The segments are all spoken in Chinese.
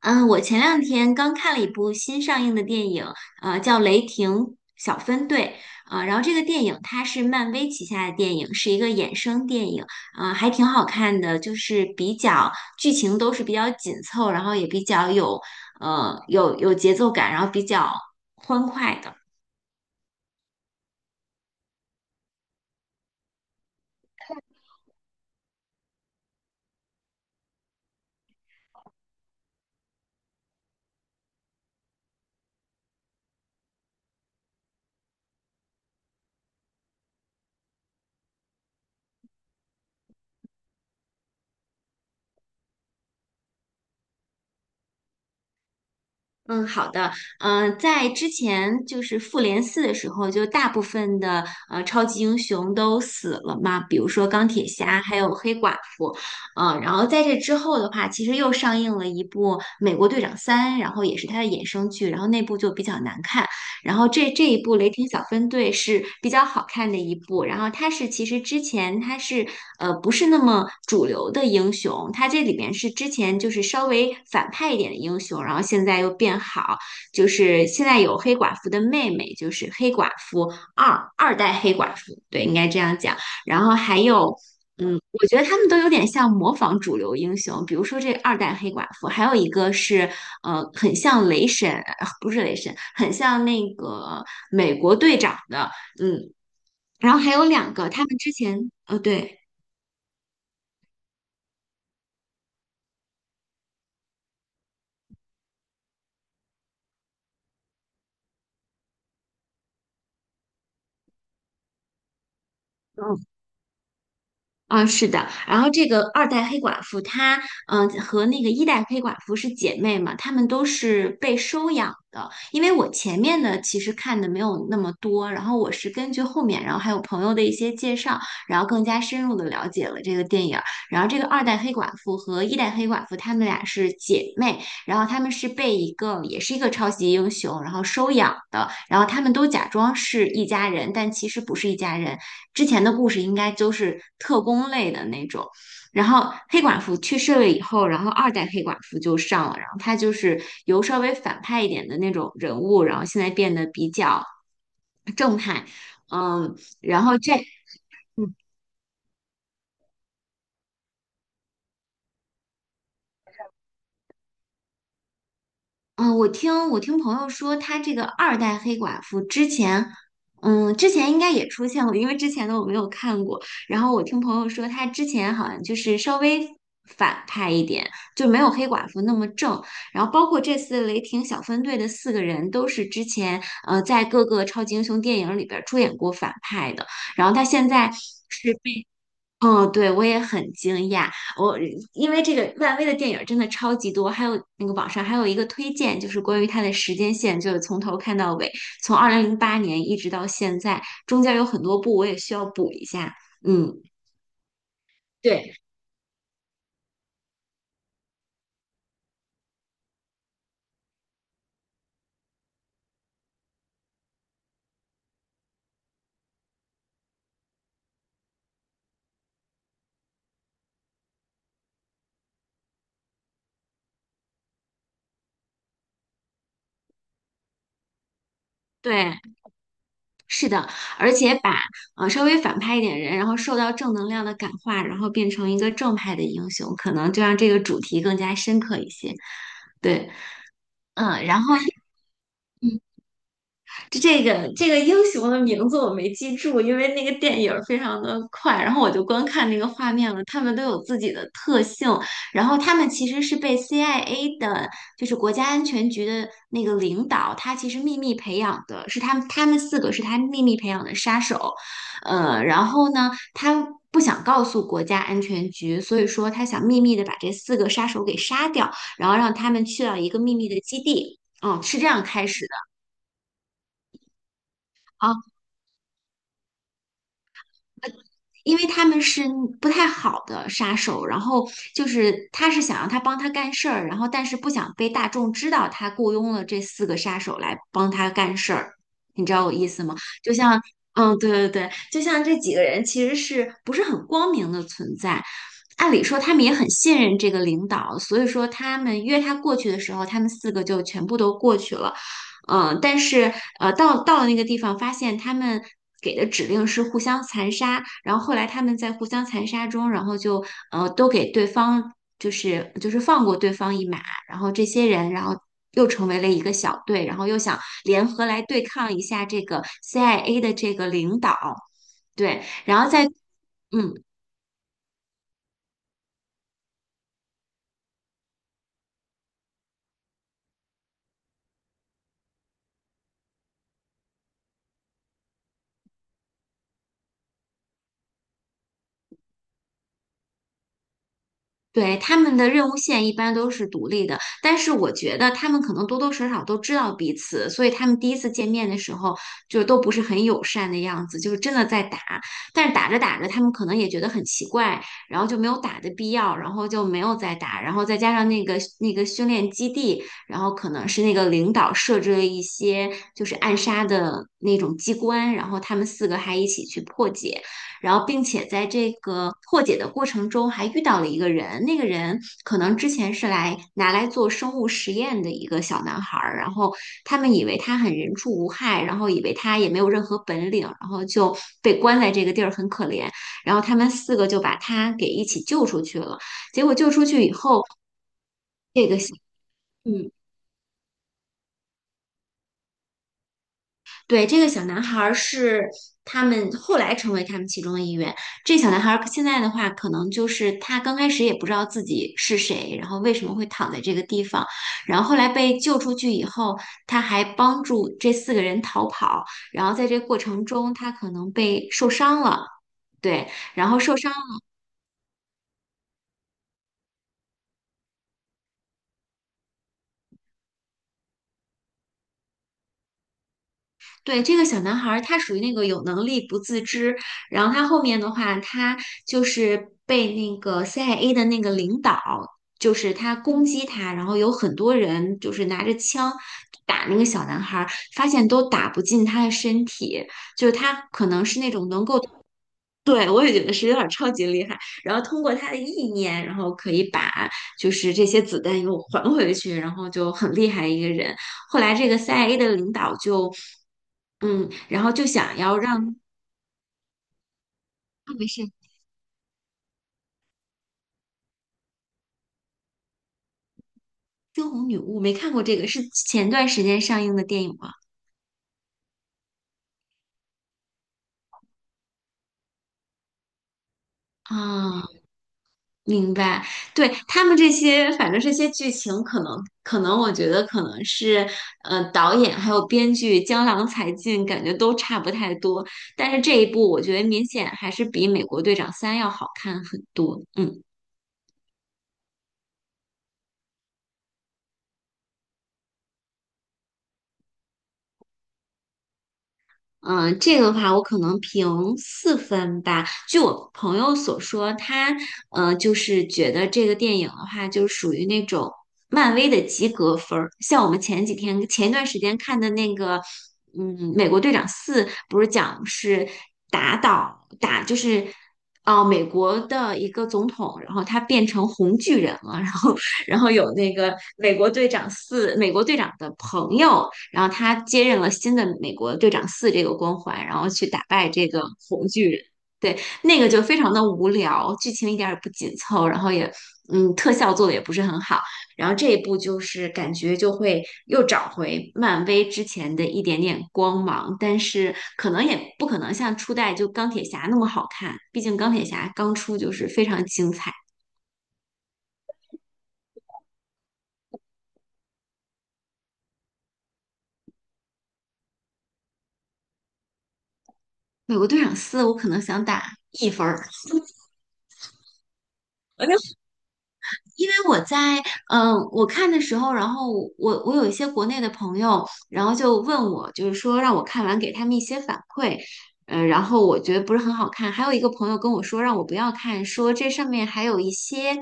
嗯，我前两天刚看了一部新上映的电影，叫《雷霆小分队》。啊、然后这个电影它是漫威旗下的电影，是一个衍生电影，啊、还挺好看的，就是比较剧情都是比较紧凑，然后也比较有有节奏感，然后比较欢快的。嗯，好的。在之前就是复联四的时候，就大部分的超级英雄都死了嘛，比如说钢铁侠，还有黑寡妇。嗯，然后在这之后的话，其实又上映了一部《美国队长三》，然后也是它的衍生剧，然后那部就比较难看。然后这一部《雷霆小分队》是比较好看的一部，然后他是其实之前他是不是那么主流的英雄，他这里面是之前就是稍微反派一点的英雄，然后现在又变好，就是现在有黑寡妇的妹妹，就是黑寡妇二二代黑寡妇，对，应该这样讲，然后还有。嗯，我觉得他们都有点像模仿主流英雄，比如说这个二代黑寡妇，还有一个是很像雷神，不是雷神，很像那个美国队长的。嗯，然后还有两个，他们之前，对。嗯。啊，是的，然后这个二代黑寡妇她，和那个一代黑寡妇是姐妹嘛，她们都是被收养的。因为我前面的其实看的没有那么多，然后我是根据后面，然后还有朋友的一些介绍，然后更加深入的了解了这个电影儿。然后这个二代黑寡妇和一代黑寡妇，她们俩是姐妹，然后她们是被一个也是一个超级英雄，然后收养的，然后她们都假装是一家人，但其实不是一家人。之前的故事应该都是特工类的那种。然后黑寡妇去世了以后，然后二代黑寡妇就上了，然后她就是由稍微反派一点的那种人物，然后现在变得比较正派。嗯，然后这嗯，我听朋友说，他这个二代黑寡妇之前，之前应该也出现过，因为之前的我没有看过。然后我听朋友说，他之前好像就是稍微反派一点，就没有黑寡妇那么正。然后包括这次雷霆小分队的四个人，都是之前在各个超级英雄电影里边儿出演过反派的。然后他现在。是被。嗯，对，我也很惊讶。我因为这个漫威的电影真的超级多，还有那个网上还有一个推荐，就是关于它的时间线，就是从头看到尾，从2008年一直到现在，中间有很多部我也需要补一下。嗯，对对，是的，而且把稍微反派一点人，然后受到正能量的感化，然后变成一个正派的英雄，可能就让这个主题更加深刻一些。对。然后。这个英雄的名字我没记住，因为那个电影儿非常的快，然后我就光看那个画面了。他们都有自己的特性，然后他们其实是被 CIA 的，就是国家安全局的那个领导，他其实秘密培养的，是他们四个是他秘密培养的杀手。然后呢，他不想告诉国家安全局，所以说他想秘密的把这四个杀手给杀掉，然后让他们去到一个秘密的基地，是这样开始的。因为他们是不太好的杀手，然后就是他是想让他帮他干事儿，然后但是不想被大众知道他雇佣了这四个杀手来帮他干事儿，你知道我意思吗？就像，对对对，就像这几个人其实是不是很光明的存在？按理说他们也很信任这个领导，所以说他们约他过去的时候，他们四个就全部都过去了。嗯，但是到了那个地方，发现他们给的指令是互相残杀，然后后来他们在互相残杀中，然后就都给对方就是放过对方一马，然后这些人然后又成为了一个小队，然后又想联合来对抗一下这个 CIA 的这个领导。对，然后在嗯。对，他们的任务线一般都是独立的，但是我觉得他们可能多多少少都知道彼此，所以他们第一次见面的时候就都不是很友善的样子，就是真的在打。但是打着打着，他们可能也觉得很奇怪，然后就没有打的必要，然后就没有再打。然后再加上那个训练基地，然后可能是那个领导设置了一些就是暗杀的那种机关，然后他们四个还一起去破解。然后并且在这个破解的过程中还遇到了一个人，那个人可能之前是来拿来做生物实验的一个小男孩儿，然后他们以为他很人畜无害，然后以为他也没有任何本领，然后就被关在这个地儿很可怜，然后他们四个就把他给一起救出去了，结果救出去以后，这个小。嗯，对，这个小男孩儿是他们后来成为他们其中的一员。这小男孩儿现在的话，可能就是他刚开始也不知道自己是谁，然后为什么会躺在这个地方，然后后来被救出去以后，他还帮助这四个人逃跑，然后在这过程中，他可能被受伤了。对，然后受伤。对，这个小男孩儿，他属于那个有能力不自知，然后他后面的话，他就是被那个 CIA 的那个领导，就是他攻击他，然后有很多人就是拿着枪打那个小男孩儿，发现都打不进他的身体，就是他可能是那种能够。对，我也觉得是有点儿超级厉害。然后通过他的意念，然后可以把就是这些子弹又还回去，然后就很厉害一个人。后来这个 CIA 的领导就，然后就想要让。啊，没事。《惊鸿女巫》没看过这个，是前段时间上映的电影吗？啊。明白，对，他们这些，反正这些剧情，可能可能我觉得可能是，导演还有编剧江郎才尽，感觉都差不太多。但是这一部，我觉得明显还是比《美国队长三》要好看很多。嗯。嗯，这个的话，我可能评四分吧。据我朋友所说，他就是觉得这个电影的话，就属于那种漫威的及格分儿。像我们前几天、前一段时间看的那个，美国队长四》，不是讲是打倒打，就是哦、美国的一个总统，然后他变成红巨人了，然后有那个美国队长四，美国队长的朋友。然后他接任了新的美国队长四这个光环，然后去打败这个红巨人。对，那个就非常的无聊，剧情一点儿也不紧凑，然后也，特效做的也不是很好。然后这一部就是感觉就会又找回漫威之前的一点点光芒，但是可能也不可能像初代就钢铁侠那么好看，毕竟钢铁侠刚出就是非常精彩。美国队长四我可能想打一分儿。因为我在我看的时候，然后我有一些国内的朋友，然后就问我，就是说让我看完给他们一些反馈。然后我觉得不是很好看。还有一个朋友跟我说让我不要看，说这上面还有一些，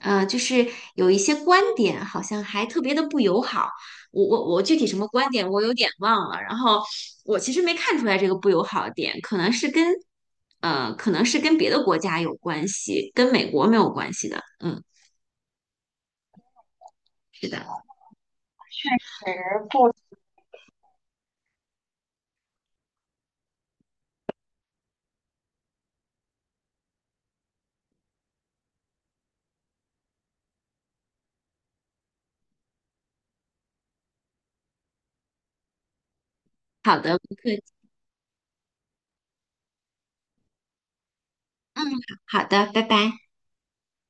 就是有一些观点好像还特别的不友好。我具体什么观点我有点忘了。然后我其实没看出来这个不友好的点，可能是跟可能是跟别的国家有关系，跟美国没有关系的。嗯，是的。不，好的，不客气。嗯，好好的，拜拜。